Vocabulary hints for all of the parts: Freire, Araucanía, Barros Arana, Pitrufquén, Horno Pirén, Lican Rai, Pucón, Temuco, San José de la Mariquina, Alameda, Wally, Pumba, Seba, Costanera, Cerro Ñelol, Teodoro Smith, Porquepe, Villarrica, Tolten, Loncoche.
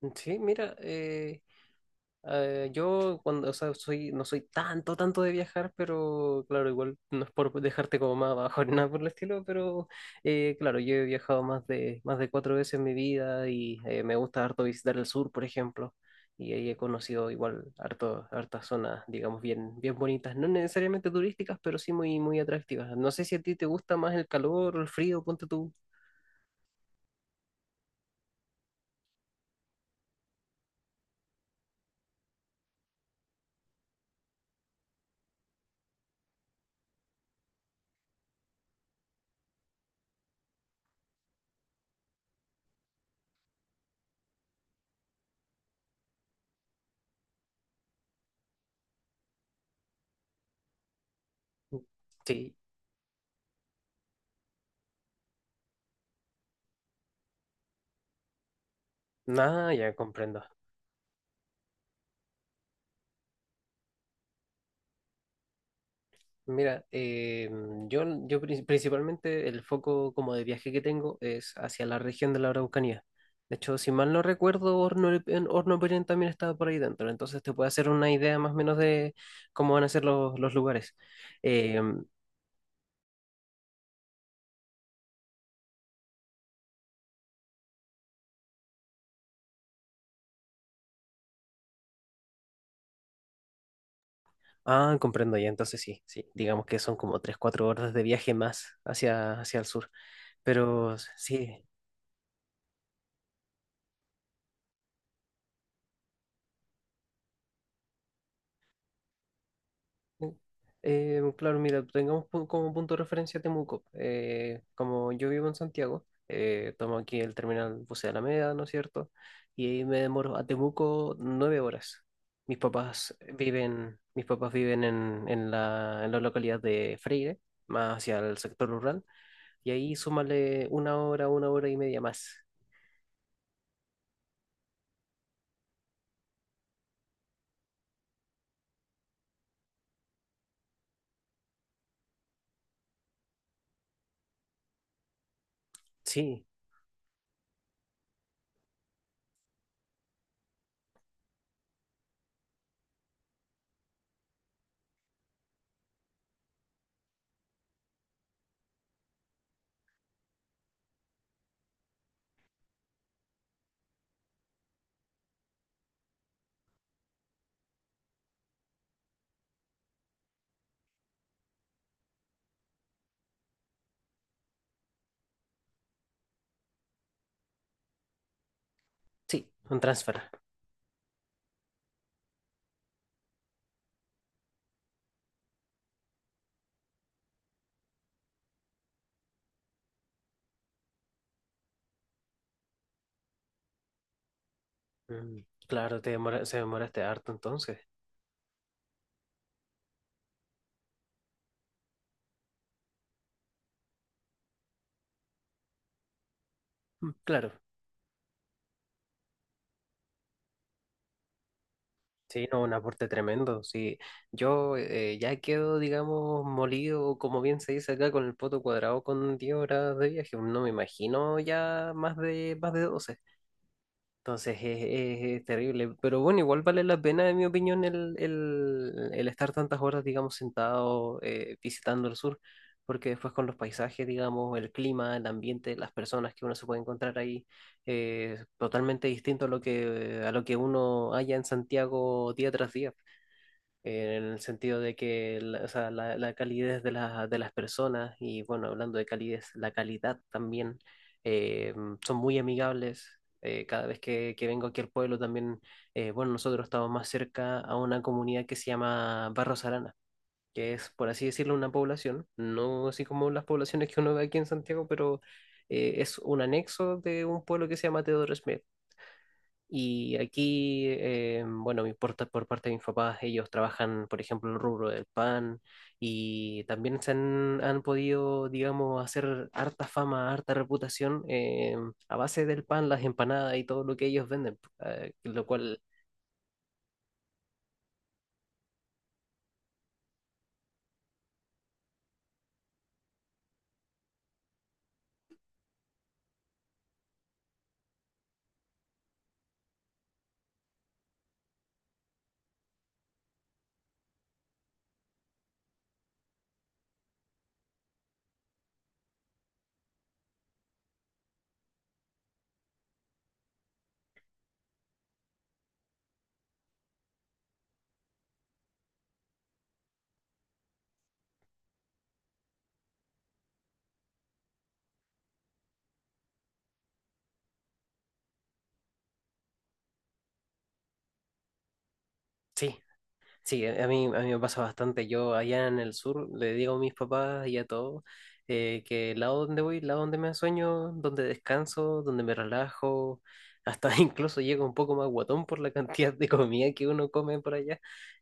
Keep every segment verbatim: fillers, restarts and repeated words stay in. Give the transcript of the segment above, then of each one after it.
Mm. Sí, mira, eh, eh, yo cuando, o sea, soy, no soy tanto, tanto de viajar, pero claro, igual no es por dejarte como más abajo ni nada por el estilo, pero eh, claro, yo he viajado más de, más de cuatro veces en mi vida y eh, me gusta harto visitar el sur, por ejemplo, y ahí he conocido igual harto, hartas zonas, digamos, bien, bien bonitas, no necesariamente turísticas, pero sí muy, muy atractivas. No sé si a ti te gusta más el calor o el frío, ponte tú. Sí, nada, ya comprendo. Mira, eh, yo, yo prin- principalmente el foco como de viaje que tengo es hacia la región de la Araucanía. De hecho, si mal no recuerdo, Horno, en- Horno Pirén también estaba por ahí dentro, entonces te puede hacer una idea más o menos de cómo van a ser los, los lugares. Eh, ah, comprendo ya, entonces sí, sí, digamos que son como tres cuatro horas de viaje más hacia, hacia el sur, pero sí. Eh, claro, mira, tengamos pu- como punto de referencia Temuco. Eh, como yo vivo en Santiago, eh, tomo aquí el terminal Bus de Alameda, ¿no es cierto? Y ahí me demoro a Temuco nueve horas. Mis papás viven, mis papás viven en, en la, en la localidad de Freire, más hacia el sector rural, y ahí súmale una hora, una hora y media más. Sí, sí, un transfer. Mm, claro, te demora- se demoraste harto entonces. Mm. Claro, sí, no, un aporte tremendo. Sí, yo eh, ya quedo, digamos, molido, como bien se dice acá, con el poto cuadrado con diez horas de viaje. No me imagino ya más de, más de doce. Entonces es, es- es terrible. Pero bueno, igual vale la pena, en mi opinión, el, el- el estar tantas horas, digamos, sentado eh, visitando el sur. Porque después con los paisajes, digamos, el clima, el ambiente, las personas que uno se puede encontrar ahí eh, totalmente distinto a lo que, a lo que, uno halla en Santiago día tras día en el sentido de que la, o sea, la, la calidez de, la- de las personas y bueno, hablando de calidez, la calidad también, eh, son muy amigables. Eh, cada vez que, que vengo aquí al pueblo también, eh, bueno, nosotros estamos más cerca a una comunidad que se llama Barros Arana, que es, por así decirlo, una población, no así como las poblaciones que uno ve aquí en Santiago, pero eh, es un anexo de un pueblo que se llama Teodoro Smith. Y aquí, eh, bueno, mi porta- por parte de mis papás, ellos trabajan, por ejemplo, en el rubro del pan y también se han, han podido, digamos, hacer harta fama, harta reputación eh, a base del pan, las empanadas y todo lo que ellos venden, eh, lo cual... Sí, sí, a mí, a mí me pasa bastante. Yo allá en el sur le digo a mis papás y a todos eh, que el lado donde voy, el lado donde me sueño, donde descanso, donde me relajo, hasta incluso llego un poco más guatón por la cantidad de comida que uno come por allá.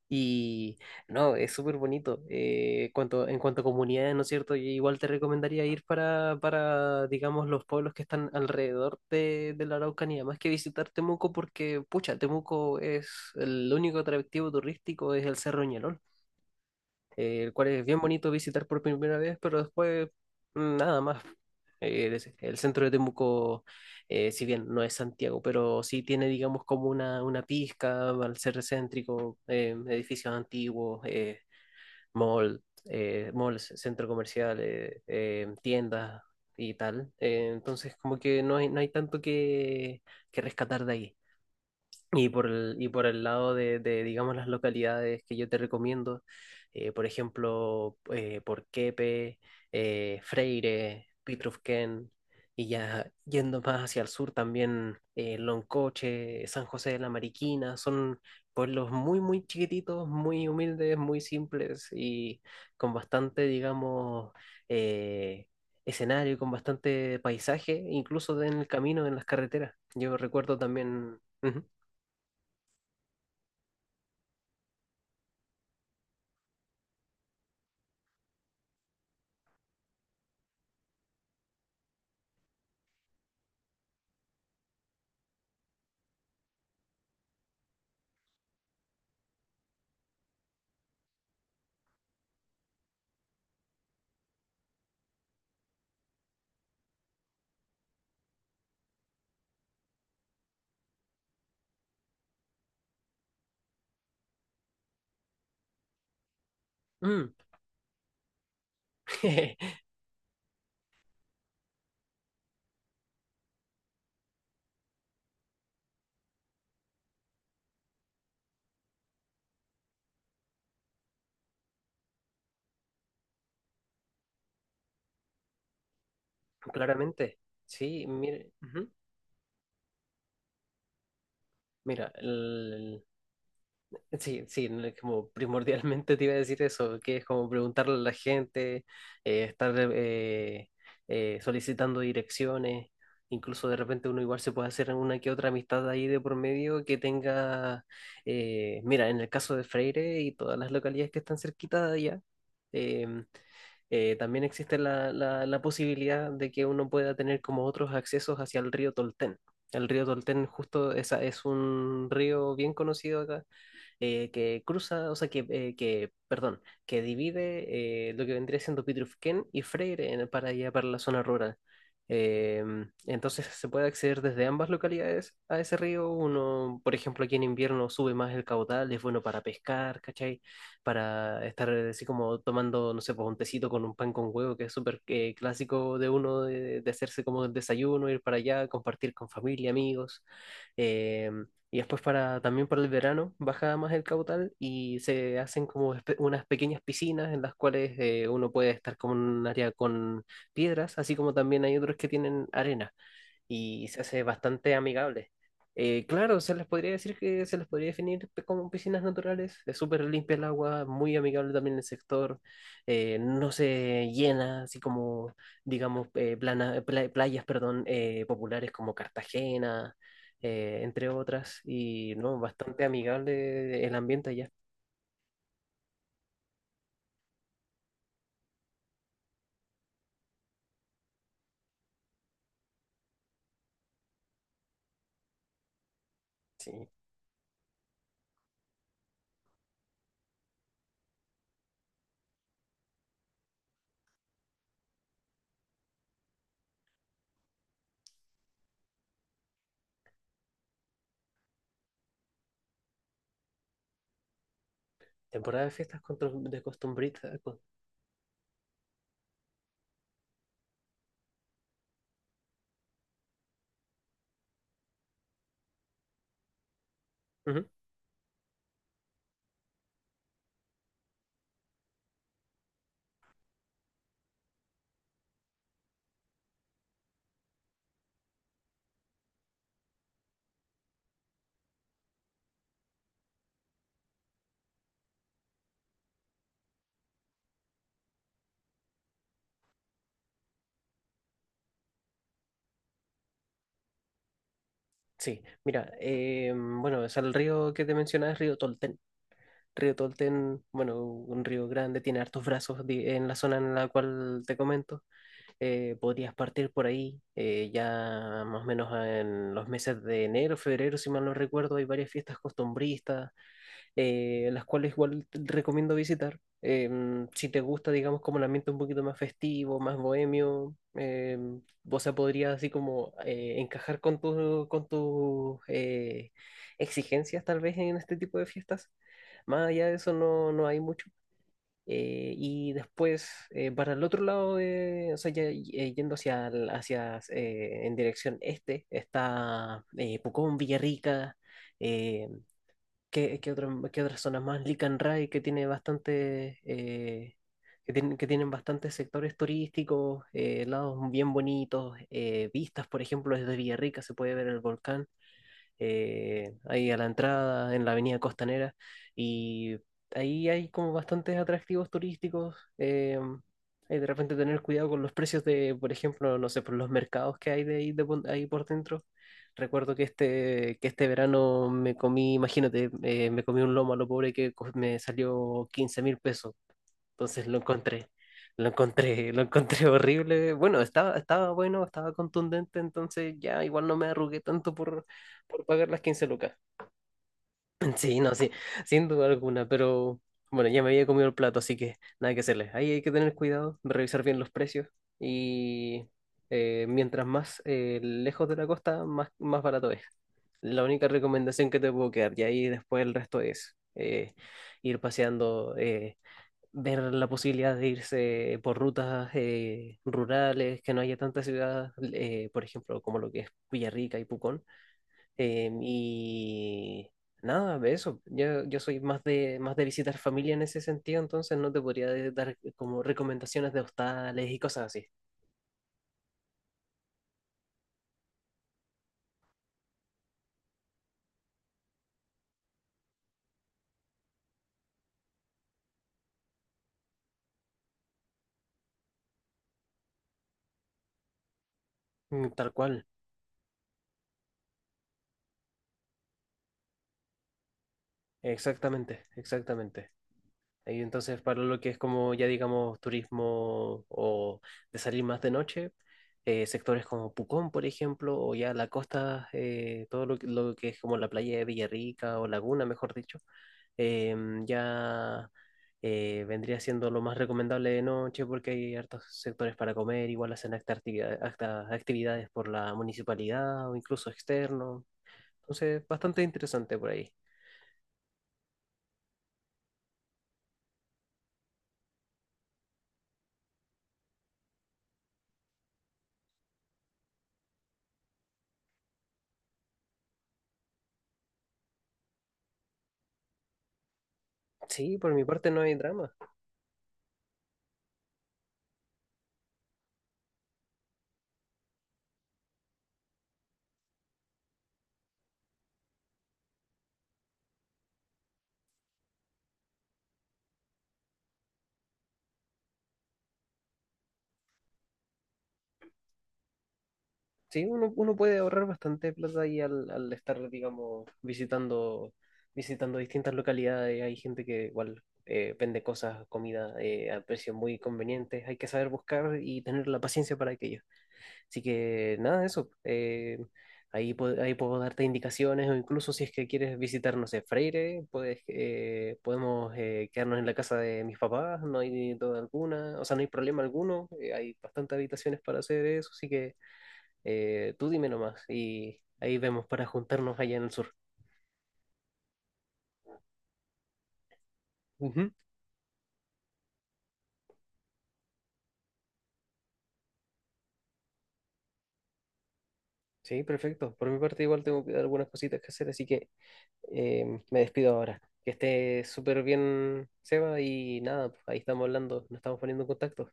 Y no, es súper bonito. Eh, cuanto, en cuanto a comunidades, ¿no es cierto? Yo igual te recomendaría ir para, para, digamos, los pueblos que están alrededor de, de la Araucanía, más que visitar Temuco, porque, pucha, Temuco es el único atractivo turístico, es el Cerro Ñelol, eh, el cual es bien bonito visitar por primera vez, pero después mm, nada más. Eh, es- el centro de Temuco, eh, si bien no es Santiago, pero sí tiene, digamos, como una, una, pizca al ser céntrico, eh, edificios antiguos, eh, mall, eh, malls, centro comercial, eh, eh, tiendas y tal. Eh, entonces, como que no hay, no hay tanto que, que rescatar de ahí. Y por el, y por el lado de, de, digamos, las localidades que yo te recomiendo, eh, por ejemplo, eh, Porquepe, eh, Freire, Pitrufquén, y ya yendo más hacia el sur también, eh, Loncoche, San José de la Mariquina, son pueblos muy, muy chiquititos, muy humildes, muy simples y con bastante, digamos, eh, escenario, con bastante paisaje, incluso en el camino, en las carreteras. Yo recuerdo también. Ujú. Mm. Claramente, sí, mire, ujú. Mira, el- sí, sí, no es como primordialmente te iba a decir eso, que es como preguntarle a la gente, eh, estar eh, eh, solicitando direcciones, incluso de repente uno igual se puede hacer una que otra amistad ahí de por medio que tenga, eh, mira, en el caso de Freire y todas las localidades que están cerquita de allá, em, eh, también existe la, la- la posibilidad de que uno pueda tener como otros accesos hacia el río Tolten. El río Tolten justo esa, es un río bien conocido acá eh, que cruza, o sea, que, eh, que, perdón, que divide eh, lo que vendría siendo Pitrufquén y Freire en- para allá, para la zona rural. Em, entonces se puede acceder desde ambas localidades a ese río. Uno, por ejemplo, aquí en invierno sube más el caudal, es bueno para pescar, ¿cachai? Para estar eh, así como tomando, no sé, pues un tecito con un pan con huevo, que es súper eh, clásico de uno, de, de hacerse como el desayuno, ir para allá, compartir con familia, amigos. Em, y después para, también para el verano baja más el caudal y se hacen como espe- unas pequeñas piscinas en las cuales eh, uno puede estar como en un área con piedras, así como también hay otros que tienen arena y se hace bastante amigable. Eh, claro, se les podría decir que se les podría definir pe- como piscinas naturales. Es súper limpia el agua, muy amigable también el sector. Eh, no se llena, así como, digamos, eh, plana- pla- playas, perdón, eh, populares como Cartagena, eh, entre otras. Y no, bastante amigable el ambiente allá. Sí. Temporada de fiestas contro- de costumbrita. co- Ujú. Sí, mira, eh, bueno, es el río que te mencionaba, es río Tolten. Río Tolten, bueno, un río grande, tiene hartos brazos di- en la zona en la cual te comento. Eh, podrías partir por ahí, eh, ya más o menos en los meses de enero, febrero, si mal no recuerdo, hay varias fiestas costumbristas eh, las cuales igual te recomiendo visitar. Em, si te gusta, digamos, como el ambiente un poquito más festivo, más bohemio, em, o sea, podría así como eh, encajar con tu- con tus eh, exigencias tal vez en este tipo de fiestas. Más allá de eso no, no hay mucho. Eh, y después, eh, para el otro lado, de, o sea, ya y- eh, yendo hacia, el- hacia eh, en dirección este, está eh, Pucón, Villarrica. em, ¿Qué, qué, otro- qué otras zonas más? Lican Rai, que tiene bastante, eh, que, tienen- que tienen bastantes sectores turísticos, eh, lados bien bonitos, eh, vistas, por ejemplo, desde Villarrica se puede ver el volcán eh, ahí a la entrada, en la avenida Costanera, y ahí hay como bastantes atractivos turísticos. Eh, hay de repente tener cuidado con los precios de, por ejemplo, no sé, por los mercados que hay de ahí, de pon- ahí por dentro. Recuerdo que este, que este, verano me comí, imagínate, eh, me comí un lomo a lo pobre que co- me salió quince mil pesos. Entonces lo encontré, lo encontré, lo encontré horrible. Bueno, estaba, estaba bueno, estaba contundente, entonces ya igual no me arrugué tanto por, por pagar las quince lucas. Sí, no, sí, sin duda alguna, pero bueno, ya me había comido el plato, así que nada que hacerle. Ahí hay que tener cuidado, revisar bien los precios y eh, mientras más eh, lejos de la costa, más, más barato es. La única recomendación que te puedo quedar, y ahí después el resto es eh, ir paseando. Eh, ver la posibilidad de irse por rutas eh, rurales, que no haya tantas ciudades, eh, por ejemplo, como lo que es Villarrica y Pucón. Eh, y nada, de eso. Yo, yo soy más de, más de visitar familia en ese sentido, entonces no te podría de- dar como recomendaciones de hostales y cosas así. Mm. Tal cual, exactamente, exactamente. Y entonces, para lo que es como ya digamos turismo o de salir más de noche, eh, sectores como Pucón, por ejemplo, o ya la costa, eh, todo lo, que lo que es como la playa de Villarrica o Laguna, mejor dicho, em, ya eh, vendría siendo lo más recomendable de noche porque hay hartos sectores para comer, igual hacen hasta actividad- hasta actividades por la municipalidad o incluso externo. Entonces, bastante interesante por ahí. Sí, por mi parte no hay drama. Sí, uno, uno puede ahorrar bastante plata ahí al, al estar, digamos, visitando, visitando, distintas localidades. Hay gente que igual eh, vende cosas, comida eh, a precios muy convenientes. Hay que saber buscar y tener la paciencia para aquello. Así que nada, eso. eh, ahí, pu- ahí puedo darte indicaciones o incluso si es que quieres visitar, no sé, Freire, puedes, eh, podemos eh, quedarnos en la casa de mis papás. No hay duda alguna, o sea, no hay problema alguno. Eh, hay bastantes habitaciones para hacer eso, así que... Eh, tú dime nomás y ahí vemos para juntarnos allá en el sur. Ujú. Sí, perfecto. Por mi parte igual tengo que- algunas cositas que hacer, así que eh, me despido ahora. Que esté súper bien, Seba, y nada, pues, ahí estamos hablando, nos estamos poniendo en contacto.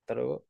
Hasta luego.